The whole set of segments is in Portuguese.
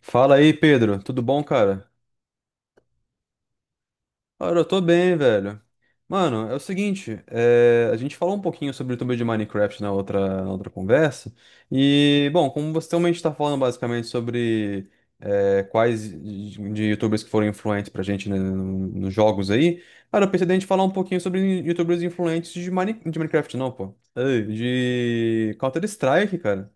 Fala aí, Pedro. Tudo bom, cara? Cara, eu tô bem, velho. Mano, é o seguinte, a gente falou um pouquinho sobre o YouTube de Minecraft na outra conversa. E, bom, como você também está falando basicamente sobre quais de YouTubers que foram influentes pra gente, né? Nos jogos aí, cara, eu pensei da gente falar um pouquinho sobre YouTubers influentes de Minecraft, não, pô. Ei, de Counter-Strike, cara.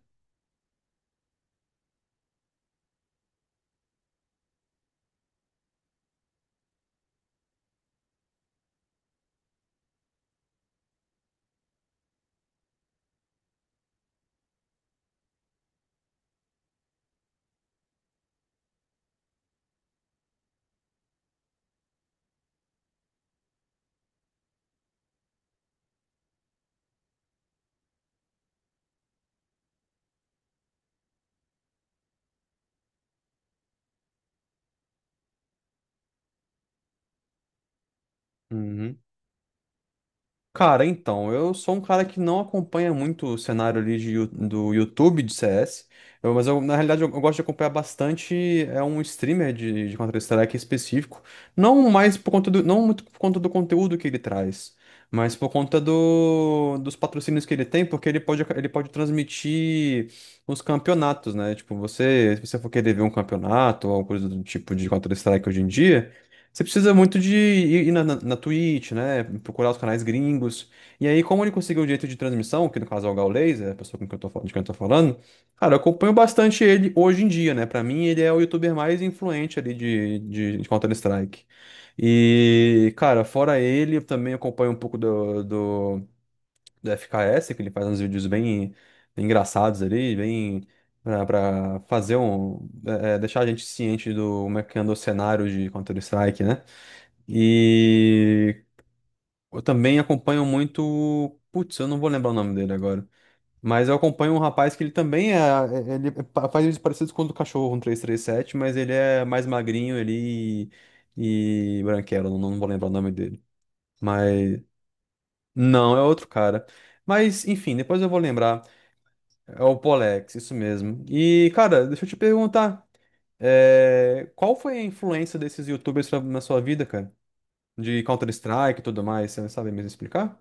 Cara, então, eu sou um cara que não acompanha muito o cenário ali do YouTube de CS, mas na realidade eu gosto de acompanhar bastante um streamer de Counter-Strike específico, não mais por conta do, não muito por conta do conteúdo que ele traz, mas por conta dos patrocínios que ele tem, porque ele pode transmitir os campeonatos, né? Tipo, se você for querer ver um campeonato ou alguma coisa do tipo de Counter-Strike hoje em dia, você precisa muito de ir na Twitch, né? Procurar os canais gringos. E aí, como ele conseguiu o direito de transmissão, que no caso é o Gaules, é a pessoa com quem eu tô, fal- de quem eu tô falando, cara. Eu acompanho bastante ele hoje em dia, né? Pra mim, ele é o youtuber mais influente ali de Counter-Strike. E, cara, fora ele, eu também acompanho um pouco do FKS, que ele faz uns vídeos bem, bem engraçados ali, bem. Pra fazer um. É, é, deixar a gente ciente do como é que anda o cenário de Counter-Strike, né? E eu também acompanho muito. Putz, eu não vou lembrar o nome dele agora. Mas eu acompanho um rapaz que ele também faz vídeos parecidos com o do Cachorro, um 337, mas ele é mais magrinho ali e branquelo. Não, não vou lembrar o nome dele. Mas. Não, é outro cara. Mas, enfim, depois eu vou lembrar. É o Polex, isso mesmo. E, cara, deixa eu te perguntar, qual foi a influência desses YouTubers na sua vida, cara? De Counter-Strike e tudo mais, você sabe mesmo explicar?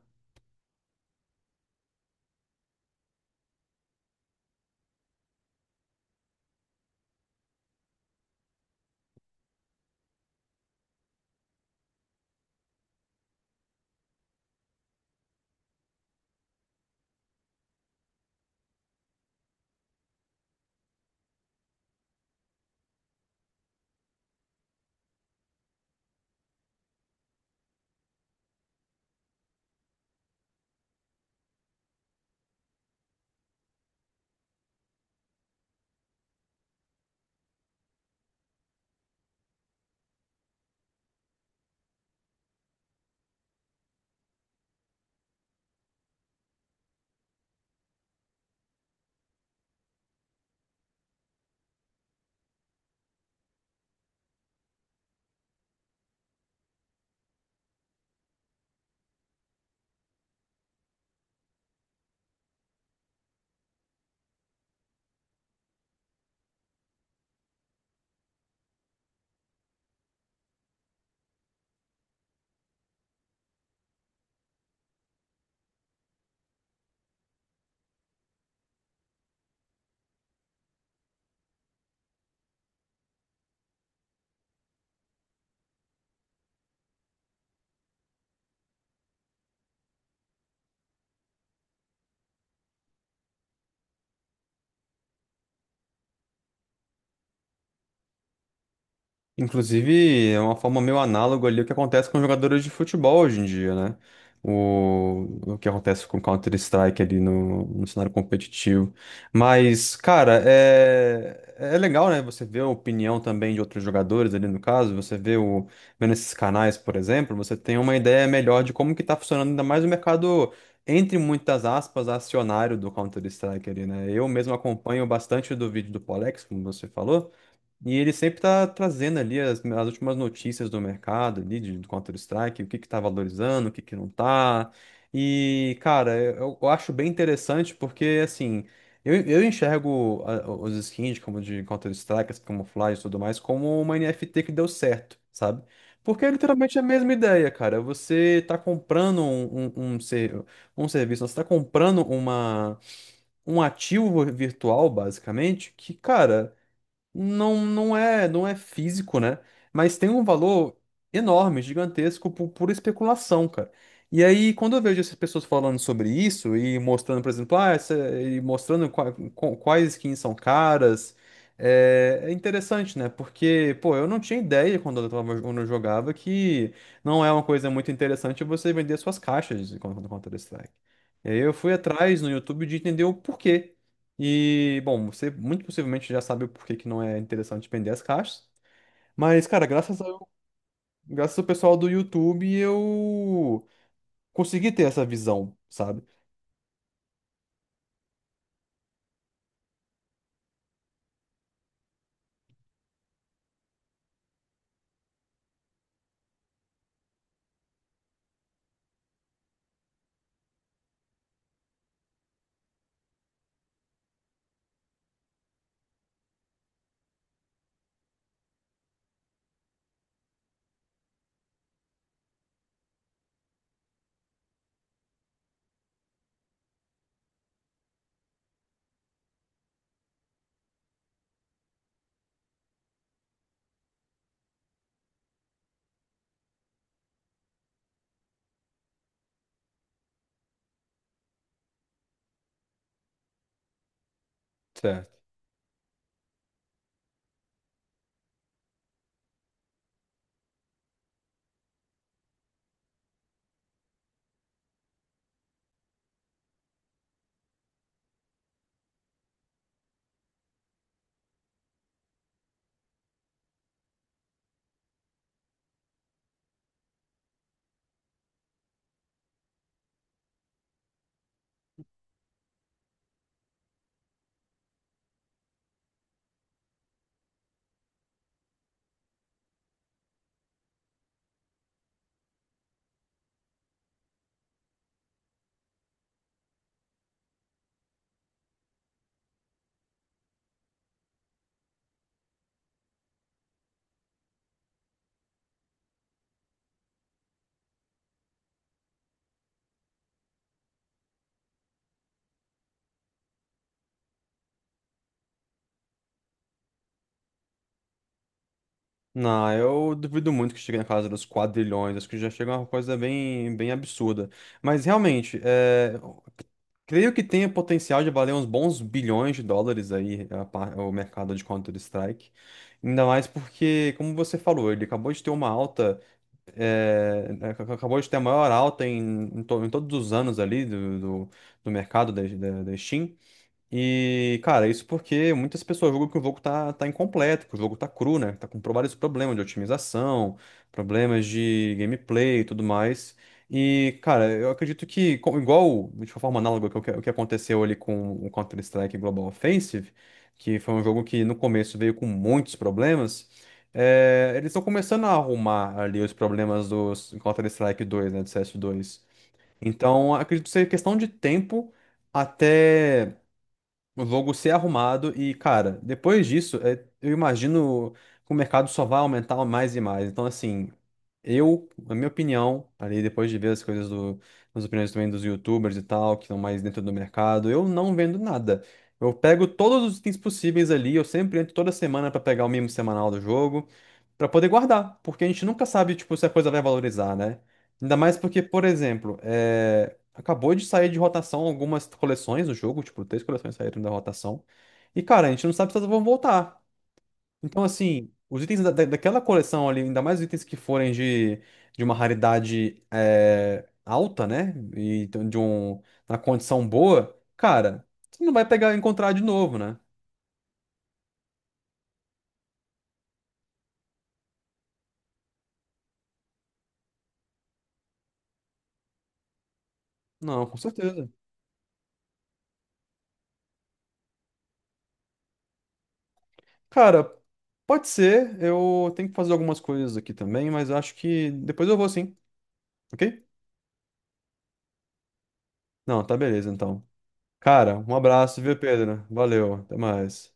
Inclusive, é uma forma meio análoga ali o que acontece com jogadores de futebol hoje em dia, né? O que acontece com Counter-Strike ali no cenário competitivo. Mas, cara, é legal, né? Você vê a opinião também de outros jogadores ali no caso. Você vê o, vendo esses canais, por exemplo, você tem uma ideia melhor de como que tá funcionando ainda mais o mercado, entre muitas aspas, acionário do Counter-Strike ali, né? Eu mesmo acompanho bastante do vídeo do Polex, como você falou. E ele sempre tá trazendo ali as últimas notícias do mercado ali, do Counter-Strike, o que que tá valorizando, o que que não tá. E, cara, eu acho bem interessante porque, assim, eu enxergo os skins como de Counter-Strike, as camuflagens e tudo mais, como uma NFT que deu certo, sabe? Porque é literalmente a mesma ideia, cara. Você tá comprando um serviço, você tá comprando um ativo virtual, basicamente, que, cara, não, não é físico, né? Mas tem um valor enorme, gigantesco, por pura especulação, cara. E aí, quando eu vejo essas pessoas falando sobre isso e mostrando, por exemplo, ah, essa, e mostrando quais skins são caras, é interessante, né? Porque, pô, eu não tinha ideia quando eu jogava que não é uma coisa muito interessante você vender suas caixas no Counter-Strike. E aí eu fui atrás no YouTube de entender o porquê. E, bom, você muito possivelmente já sabe o porquê que não é interessante vender as caixas. Mas, cara, graças ao pessoal do YouTube, eu consegui ter essa visão, sabe? Certo. Não, eu duvido muito que chegue na casa dos quadrilhões. Acho que já chega uma coisa bem, bem absurda. Mas realmente, eu creio que tem o potencial de valer uns bons bilhões de dólares aí, o mercado de Counter-Strike. Ainda mais porque, como você falou, ele acabou de ter uma alta. É, ac- acabou de ter a maior alta em, em todos os anos ali do mercado da Steam. E, cara, isso porque muitas pessoas julgam que o jogo tá incompleto, que o jogo tá cru, né? Tá com vários problemas de otimização, problemas de gameplay e tudo mais. E, cara, eu acredito que, igual, de uma forma análoga, que o que aconteceu ali com o Counter-Strike Global Offensive, que foi um jogo que no começo veio com muitos problemas. É eles estão começando a arrumar ali os problemas do Counter-Strike 2, né? Do CS 2. Então, acredito ser questão de tempo até o logo ser arrumado e, cara, depois disso, eu imagino que o mercado só vai aumentar mais e mais. Então, assim, eu, na minha opinião, ali depois de ver as opiniões também dos YouTubers e tal, que estão mais dentro do mercado, eu não vendo nada. Eu pego todos os itens possíveis ali, eu sempre entro toda semana pra pegar o mimo semanal do jogo, pra poder guardar, porque a gente nunca sabe, tipo, se a coisa vai valorizar, né? Ainda mais porque, por exemplo, acabou de sair de rotação algumas coleções do jogo, tipo, três coleções saíram da rotação. E, cara, a gente não sabe se elas vão voltar. Então, assim, os itens daquela coleção ali, ainda mais os itens que forem de uma raridade, alta, né? E então, uma condição boa, cara, você não vai pegar e encontrar de novo, né? Não, com certeza. Cara, pode ser. Eu tenho que fazer algumas coisas aqui também, mas acho que depois eu vou sim, ok? Não, tá beleza então. Cara, um abraço, viu, Pedro? Valeu, até mais.